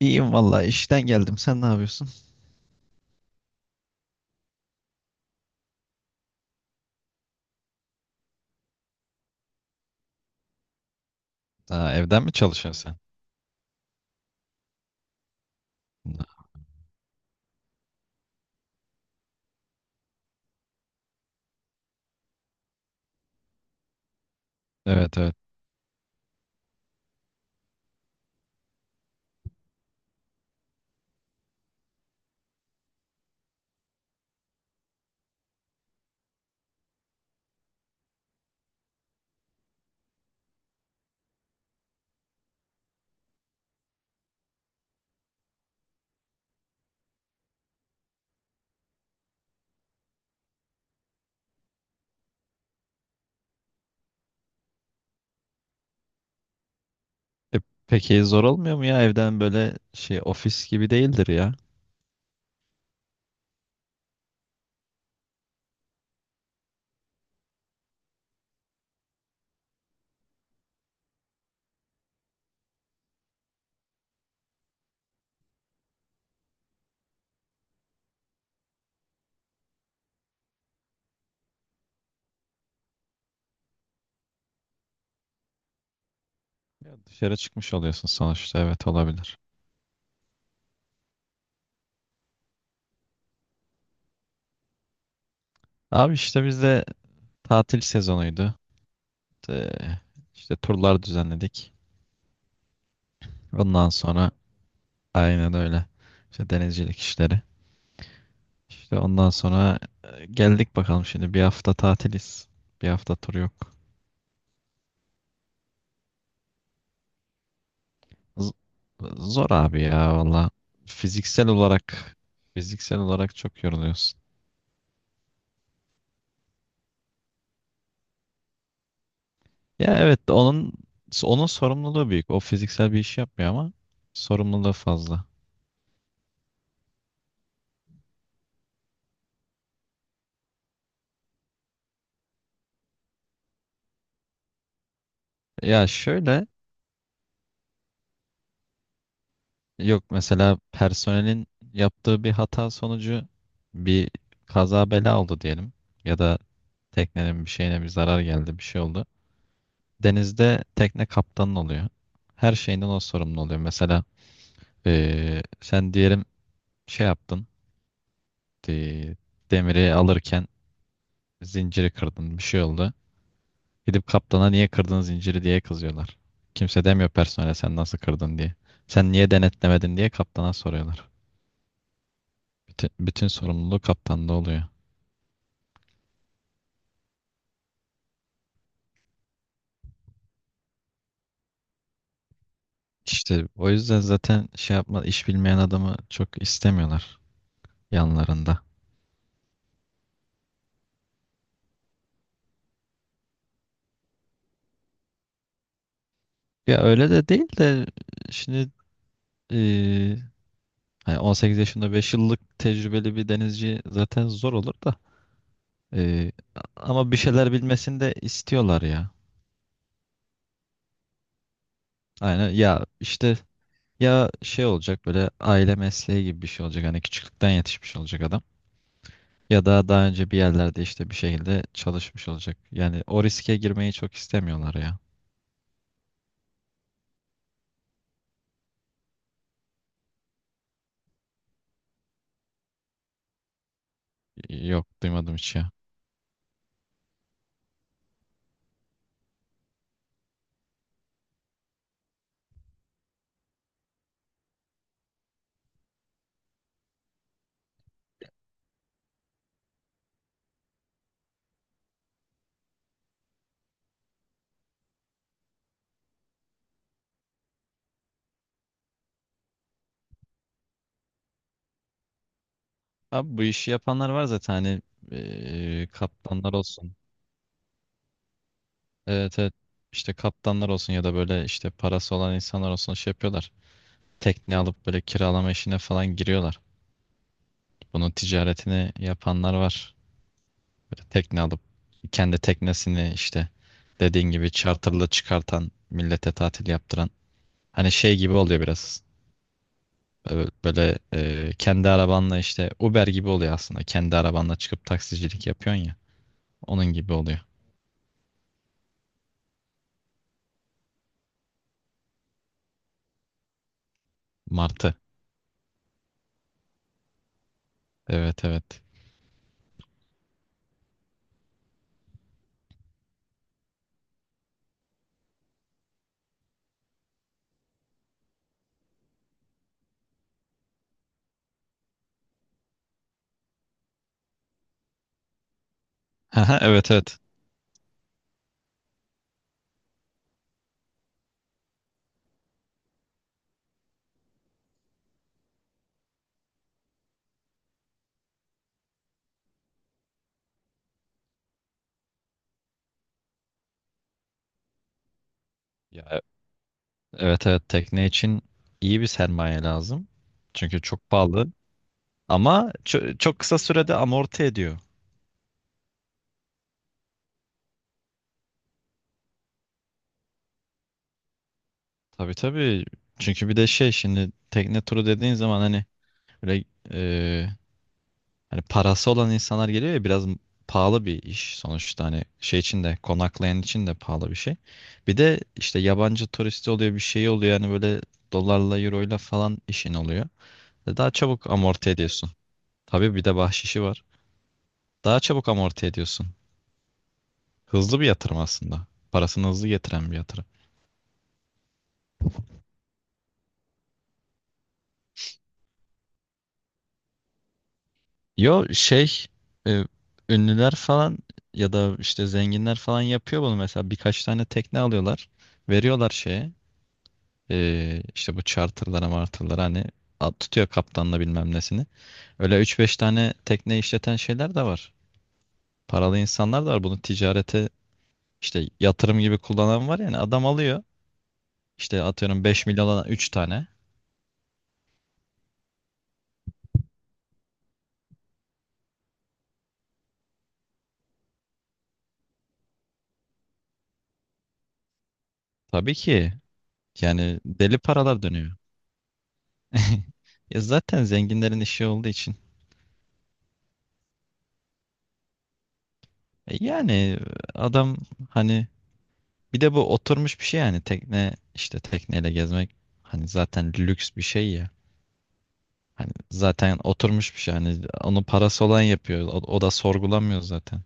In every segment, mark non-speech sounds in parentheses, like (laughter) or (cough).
İyiyim vallahi işten geldim. Sen ne yapıyorsun? Ha, evden mi çalışıyorsun sen? Evet evet. E, peki zor olmuyor mu ya evden böyle şey ofis gibi değildir ya. Ya dışarı çıkmış oluyorsun sonuçta. Evet olabilir. Abi işte bizde tatil sezonuydu. E, işte turlar düzenledik. Ondan sonra aynen öyle. İşte denizcilik işleri. İşte ondan sonra geldik bakalım şimdi bir hafta tatiliz. Bir hafta tur yok. Z- Zor abi ya valla. Fiziksel olarak fiziksel olarak çok yoruluyorsun. Ya evet onun sorumluluğu büyük. O fiziksel bir iş yapmıyor ama sorumluluğu fazla. Ya şöyle yok mesela personelin yaptığı bir hata sonucu bir kaza bela oldu diyelim ya da teknenin bir şeyine bir zarar geldi bir şey oldu. Denizde tekne kaptanın oluyor. Her şeyinden o sorumlu oluyor. Mesela sen diyelim şey yaptın. Gitti. Demiri alırken zinciri kırdın. Bir şey oldu. Gidip kaptana niye kırdın zinciri diye kızıyorlar. Kimse demiyor personele sen nasıl kırdın diye. Sen niye denetlemedin diye kaptana soruyorlar. Bütün sorumluluğu kaptanda oluyor. İşte o yüzden zaten şey yapma iş bilmeyen adamı çok istemiyorlar yanlarında. Ya öyle de değil de şimdi eee, hani 18 yaşında 5 yıllık tecrübeli bir denizci zaten zor olur da eee, ama bir şeyler bilmesini de istiyorlar ya. Aynen ya işte ya şey olacak böyle aile mesleği gibi bir şey olacak hani küçüklükten yetişmiş olacak adam ya da daha önce bir yerlerde işte bir şekilde çalışmış olacak. Yani o riske girmeyi çok istemiyorlar ya. Yok duymadım hiç ya. Abi bu işi yapanlar var zaten hani kaptanlar olsun. Evet evet, işte kaptanlar olsun ya da böyle işte parası olan insanlar olsun şey yapıyorlar. Tekne alıp böyle kiralama işine falan giriyorlar. Bunun ticaretini yapanlar var. Böyle tekne alıp kendi teknesini işte dediğin gibi charterla çıkartan millete tatil yaptıran. Hani şey gibi oluyor biraz. Böyle kendi arabanla işte Uber gibi oluyor aslında. Kendi arabanla çıkıp taksicilik yapıyorsun ya. Onun gibi oluyor. Martı. Evet evet. (laughs) Haha, evet evet. Ya, e- evet evet, tekne için iyi bir sermaye lazım. Çünkü çok pahalı. Ama çok kısa sürede amorti ediyor. Tabii tabii. Çünkü bir de şey şimdi tekne turu dediğin zaman hani böyle e, hani parası olan insanlar geliyor ya, biraz pahalı bir iş sonuçta, hani şey için de konaklayan için de pahalı bir şey. Bir de işte yabancı turisti oluyor bir şey oluyor, yani böyle dolarla euroyla falan işin oluyor. Ve daha çabuk amorti ediyorsun. Tabii bir de bahşişi var. Daha çabuk amorti ediyorsun. Hızlı bir yatırım aslında. Parasını hızlı getiren bir yatırım. Yo şey, e, ünlüler falan ya da işte zenginler falan yapıyor bunu, mesela birkaç tane tekne alıyorlar. Veriyorlar şeye. İşte bu charterlara martırlara hani at tutuyor kaptanla bilmem nesini. Öyle üç beş tane tekne işleten şeyler de var. Paralı insanlar da var. Bunu ticarete işte yatırım gibi kullanan var, yani adam alıyor. İşte atıyorum 5 milyona 3 tane. Tabii ki, yani deli paralar dönüyor. (laughs) Ya zaten zenginlerin işi olduğu için. Yani adam hani bir de bu oturmuş bir şey, yani tekne işte tekneyle gezmek hani zaten lüks bir şey ya. Hani zaten oturmuş bir şey. Hani onu parası olan yapıyor. O da sorgulamıyor zaten.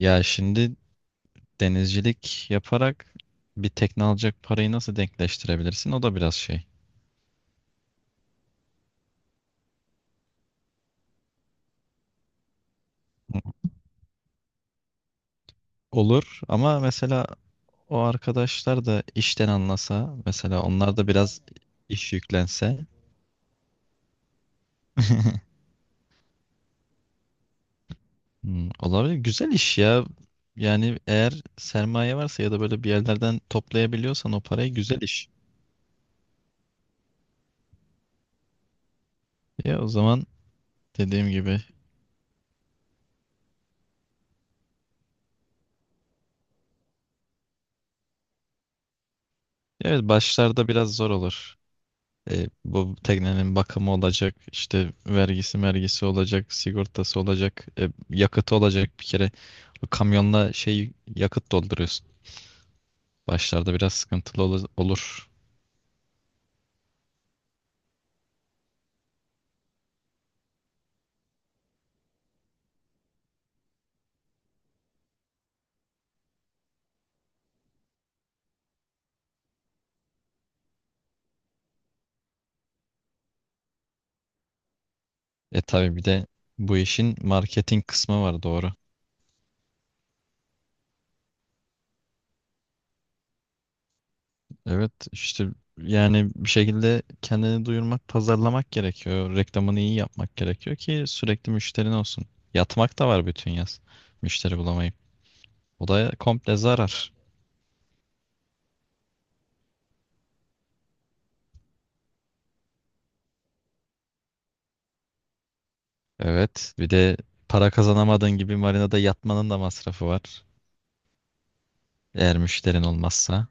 Ya şimdi denizcilik yaparak bir tekne alacak parayı nasıl denkleştirebilirsin? O da biraz şey. Olur ama mesela o arkadaşlar da işten anlasa, mesela onlar da biraz iş yüklense. (laughs) Hmm, olabilir. Güzel iş ya. Yani eğer sermaye varsa ya da böyle bir yerlerden toplayabiliyorsan o parayı, güzel iş. Ya o zaman dediğim gibi, evet, başlarda biraz zor olur. Bu teknenin bakımı olacak, işte vergisi olacak, sigortası olacak, yakıtı olacak bir kere. Bu kamyonla şey yakıt dolduruyorsun. Başlarda biraz sıkıntılı olur. Tabii bir de bu işin marketing kısmı var, doğru. Evet işte, yani bir şekilde kendini duyurmak, pazarlamak gerekiyor. Reklamını iyi yapmak gerekiyor ki sürekli müşterin olsun. Yatmak da var bütün yaz. Müşteri bulamayıp. O da komple zarar. Evet. Bir de para kazanamadığın gibi marinada yatmanın da masrafı var. Eğer müşterin olmazsa.